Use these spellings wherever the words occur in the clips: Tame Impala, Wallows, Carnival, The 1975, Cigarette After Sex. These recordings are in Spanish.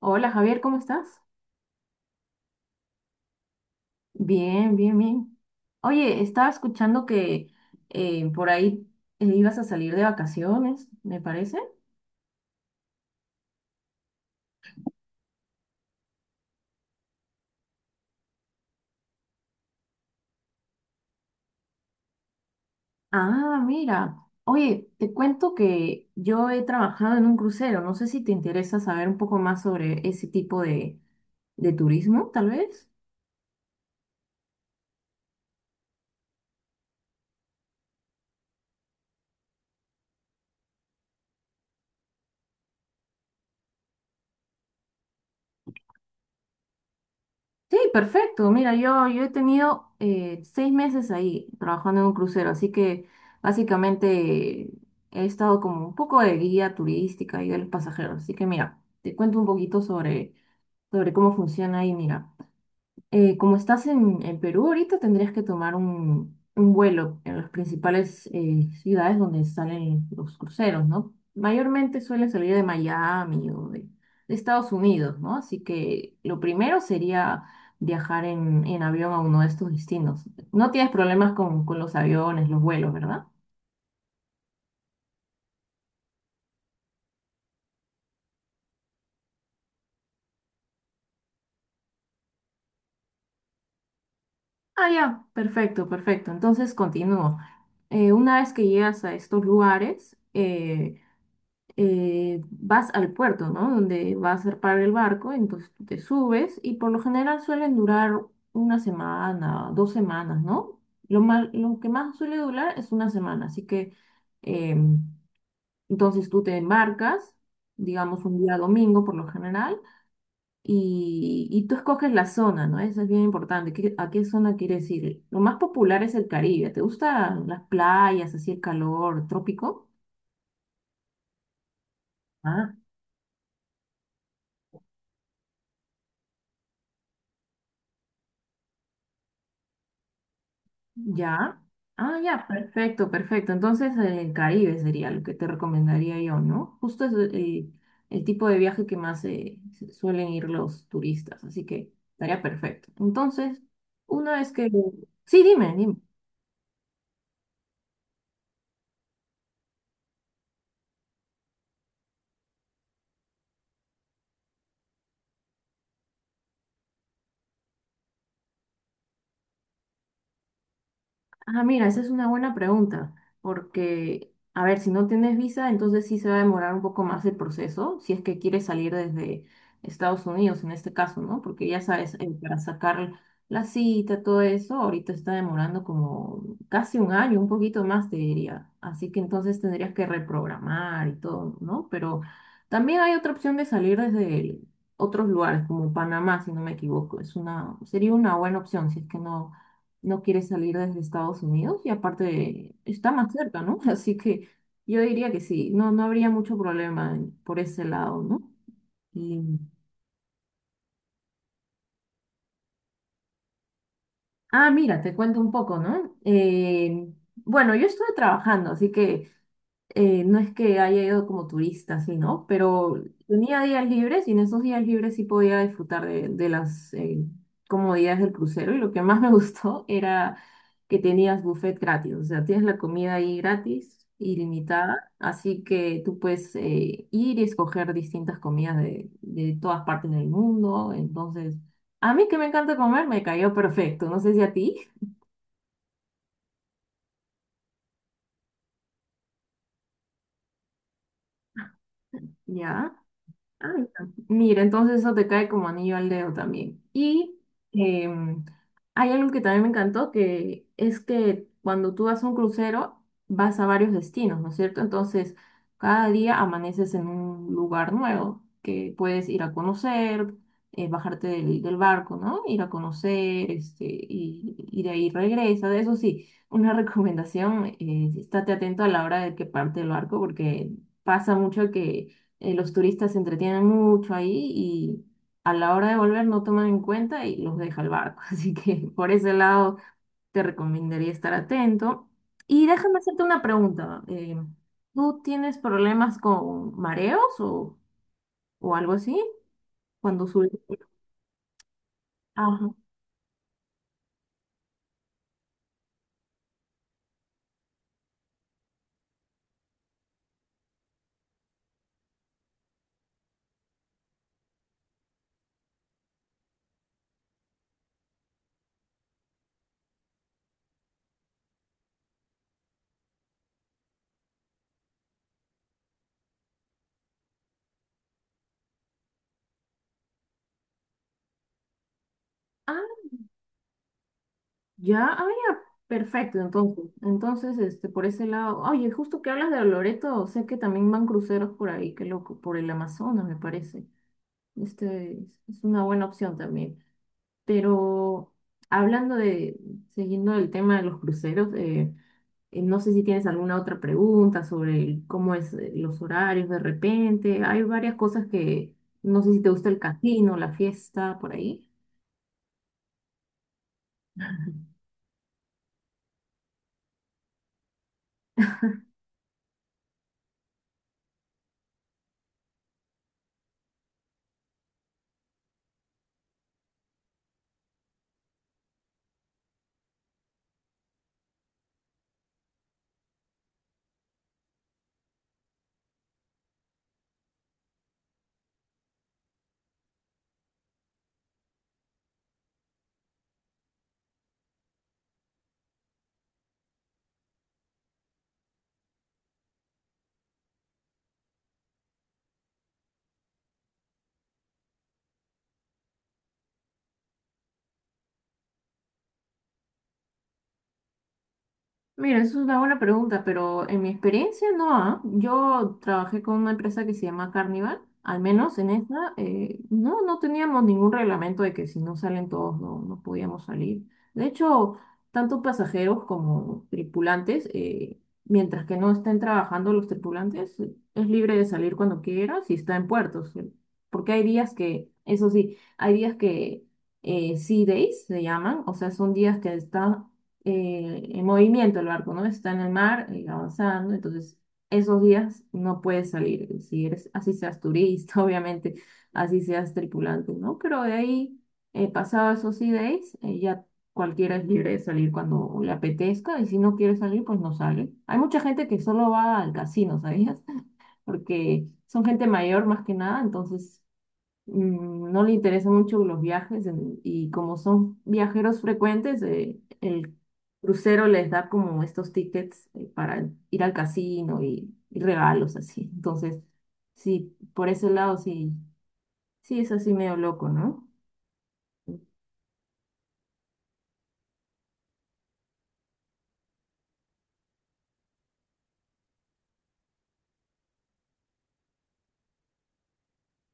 Hola Javier, ¿cómo estás? Bien, bien, bien. Oye, estaba escuchando que por ahí ibas a salir de vacaciones, me parece. Ah, mira. Oye, te cuento que yo he trabajado en un crucero. No sé si te interesa saber un poco más sobre ese tipo de turismo, tal vez. Sí, perfecto. Mira, yo he tenido seis meses ahí trabajando en un crucero, así que básicamente he estado como un poco de guía turística y de los pasajeros. Así que mira, te cuento un poquito sobre cómo funciona ahí, mira como estás en Perú ahorita, tendrías que tomar un vuelo en las principales ciudades donde salen los cruceros, ¿no? Mayormente suelen salir de Miami de Estados Unidos, ¿no? Así que lo primero sería viajar en avión a uno de estos destinos. No tienes problemas con los aviones, los vuelos, ¿verdad? Ah, ya, perfecto, perfecto. Entonces continúo. Una vez que llegas a estos lugares, vas al puerto, ¿no? Donde vas a parar el barco, entonces tú te subes y por lo general suelen durar una semana, dos semanas, ¿no? Lo que más suele durar es una semana, así que em, entonces tú te embarcas, digamos un día domingo por lo general, y tú escoges la zona, ¿no? Eso es bien importante, ¿a qué zona quieres ir? Lo más popular es el Caribe, ¿te gustan las playas, así el calor, trópico? Ya. Ah, ya, perfecto, perfecto. Entonces, el Caribe sería lo que te recomendaría yo, ¿no? Justo es el tipo de viaje que más suelen ir los turistas, así que estaría perfecto. Entonces, una vez que... Sí, dime, dime. Ah, mira, esa es una buena pregunta, porque, a ver, si no tienes visa, entonces sí se va a demorar un poco más el proceso, si es que quieres salir desde Estados Unidos en este caso, ¿no? Porque ya sabes, para sacar la cita, todo eso, ahorita está demorando como casi un año, un poquito más, te diría. Así que entonces tendrías que reprogramar y todo, ¿no? Pero también hay otra opción de salir desde otros lugares, como Panamá, si no me equivoco. Es una, sería una buena opción, si es que no quiere salir desde Estados Unidos y aparte está más cerca, ¿no? Así que yo diría que sí, no, no habría mucho problema por ese lado, ¿no? Y- Ah, mira, te cuento un poco, ¿no? Bueno, yo estuve trabajando, así que no es que haya ido como turista, sí, ¿no? Pero tenía días libres y en esos días libres sí podía disfrutar de las comodidades del crucero. Y lo que más me gustó era que tenías buffet gratis, o sea, tienes la comida ahí gratis, ilimitada, así que tú puedes ir y escoger distintas comidas de todas partes del mundo. Entonces, a mí que me encanta comer, me cayó perfecto. No sé si a ti, ¿ya? Ah está. Mira, entonces eso te cae como anillo al dedo también. Y em, hay algo que también me encantó, que es que cuando tú vas a un crucero, vas a varios destinos, ¿no es cierto? Entonces, cada día amaneces en un lugar nuevo que puedes ir a conocer, bajarte del barco, ¿no? Ir a conocer, este, y de ahí regresa. De eso sí, una recomendación, estate atento a la hora de que parte el barco, porque pasa mucho que los turistas se entretienen mucho ahí y a la hora de volver no toman en cuenta y los deja el barco. Así que por ese lado te recomendaría estar atento. Y déjame hacerte una pregunta. ¿Tú tienes problemas con mareos o algo así cuando subes? Ajá. Ah, ya, ah, ya, perfecto, entonces. Entonces, este, por ese lado, oye, justo que hablas de Loreto, sé que también van cruceros por ahí, qué loco, por el Amazonas, me parece. Este es es una buena opción también. Pero hablando de, siguiendo el tema de los cruceros, no sé si tienes alguna otra pregunta sobre cómo es los horarios de repente. Hay varias cosas que, no sé si te gusta el casino, la fiesta, por ahí. Mira, eso es una buena pregunta, pero en mi experiencia no, ah. Yo trabajé con una empresa que se llama Carnival, al menos en esta, no, no teníamos ningún reglamento de que si no salen todos no, no podíamos salir. De hecho, tanto pasajeros como tripulantes, mientras que no estén trabajando los tripulantes, es libre de salir cuando quiera si está en puertos. Porque hay días que, eso sí, hay días que sea days se llaman, o sea, son días que está en movimiento el barco, ¿no? Está en el mar, avanzando, entonces esos días no puedes salir, si eres, así seas turista, obviamente, así seas tripulante, ¿no? Pero de ahí, pasado esos sea days, ya cualquiera es libre de salir cuando le apetezca, y si no quiere salir, pues no sale. Hay mucha gente que solo va al casino, ¿sabías? Porque son gente mayor más que nada, entonces no le interesan mucho los viajes y como son viajeros frecuentes, el crucero les da como estos tickets para ir al casino y regalos así. Entonces, sí, por ese lado sí, sí es así medio loco, ¿no?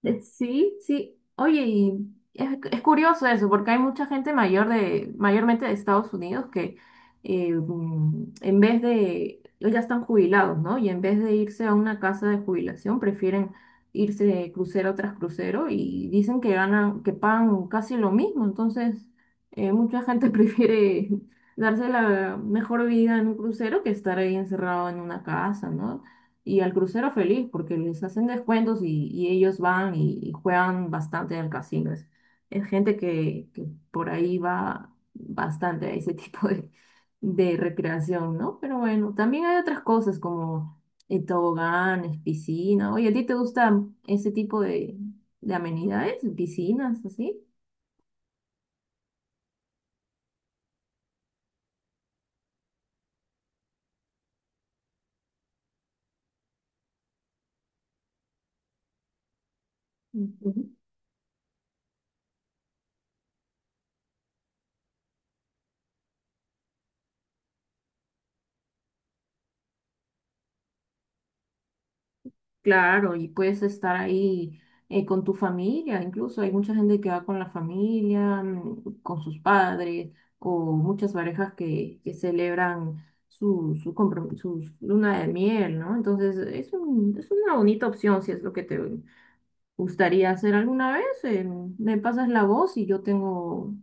Sí, sí. Oye, es curioso eso, porque hay mucha gente mayor mayormente de Estados Unidos que en vez de, ya están jubilados, ¿no? Y en vez de irse a una casa de jubilación, prefieren irse de crucero tras crucero y dicen que ganan, que pagan casi lo mismo. Entonces, mucha gente prefiere darse la mejor vida en un crucero que estar ahí encerrado en una casa, ¿no? Y al crucero feliz, porque les hacen descuentos y ellos van y juegan bastante en el casino. Es gente que por ahí va bastante a ese tipo de recreación, ¿no? Pero bueno, también hay otras cosas como toboganes, piscina. Oye, ¿a ti te gustan ese tipo de amenidades? ¿Piscinas, así? Ujú. Claro, y puedes estar ahí con tu familia, incluso hay mucha gente que va con la familia, con sus padres, o muchas parejas que celebran su luna de miel, ¿no? Entonces es una bonita opción si es lo que te gustaría hacer alguna vez. Me pasas la voz y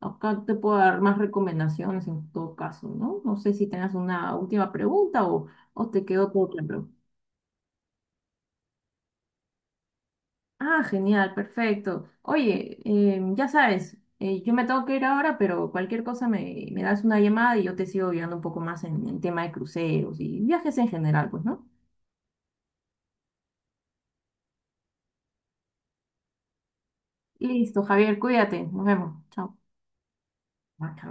acá te puedo dar más recomendaciones en todo caso, ¿no? No sé si tengas una última pregunta o te quedó todo claro. Ah, genial, perfecto. Oye, ya sabes, yo me tengo que ir ahora, pero cualquier cosa me das una llamada y yo te sigo guiando un poco más en tema de cruceros y viajes en general, pues, ¿no? Listo, Javier, cuídate, nos vemos. Chao. Ah, chao.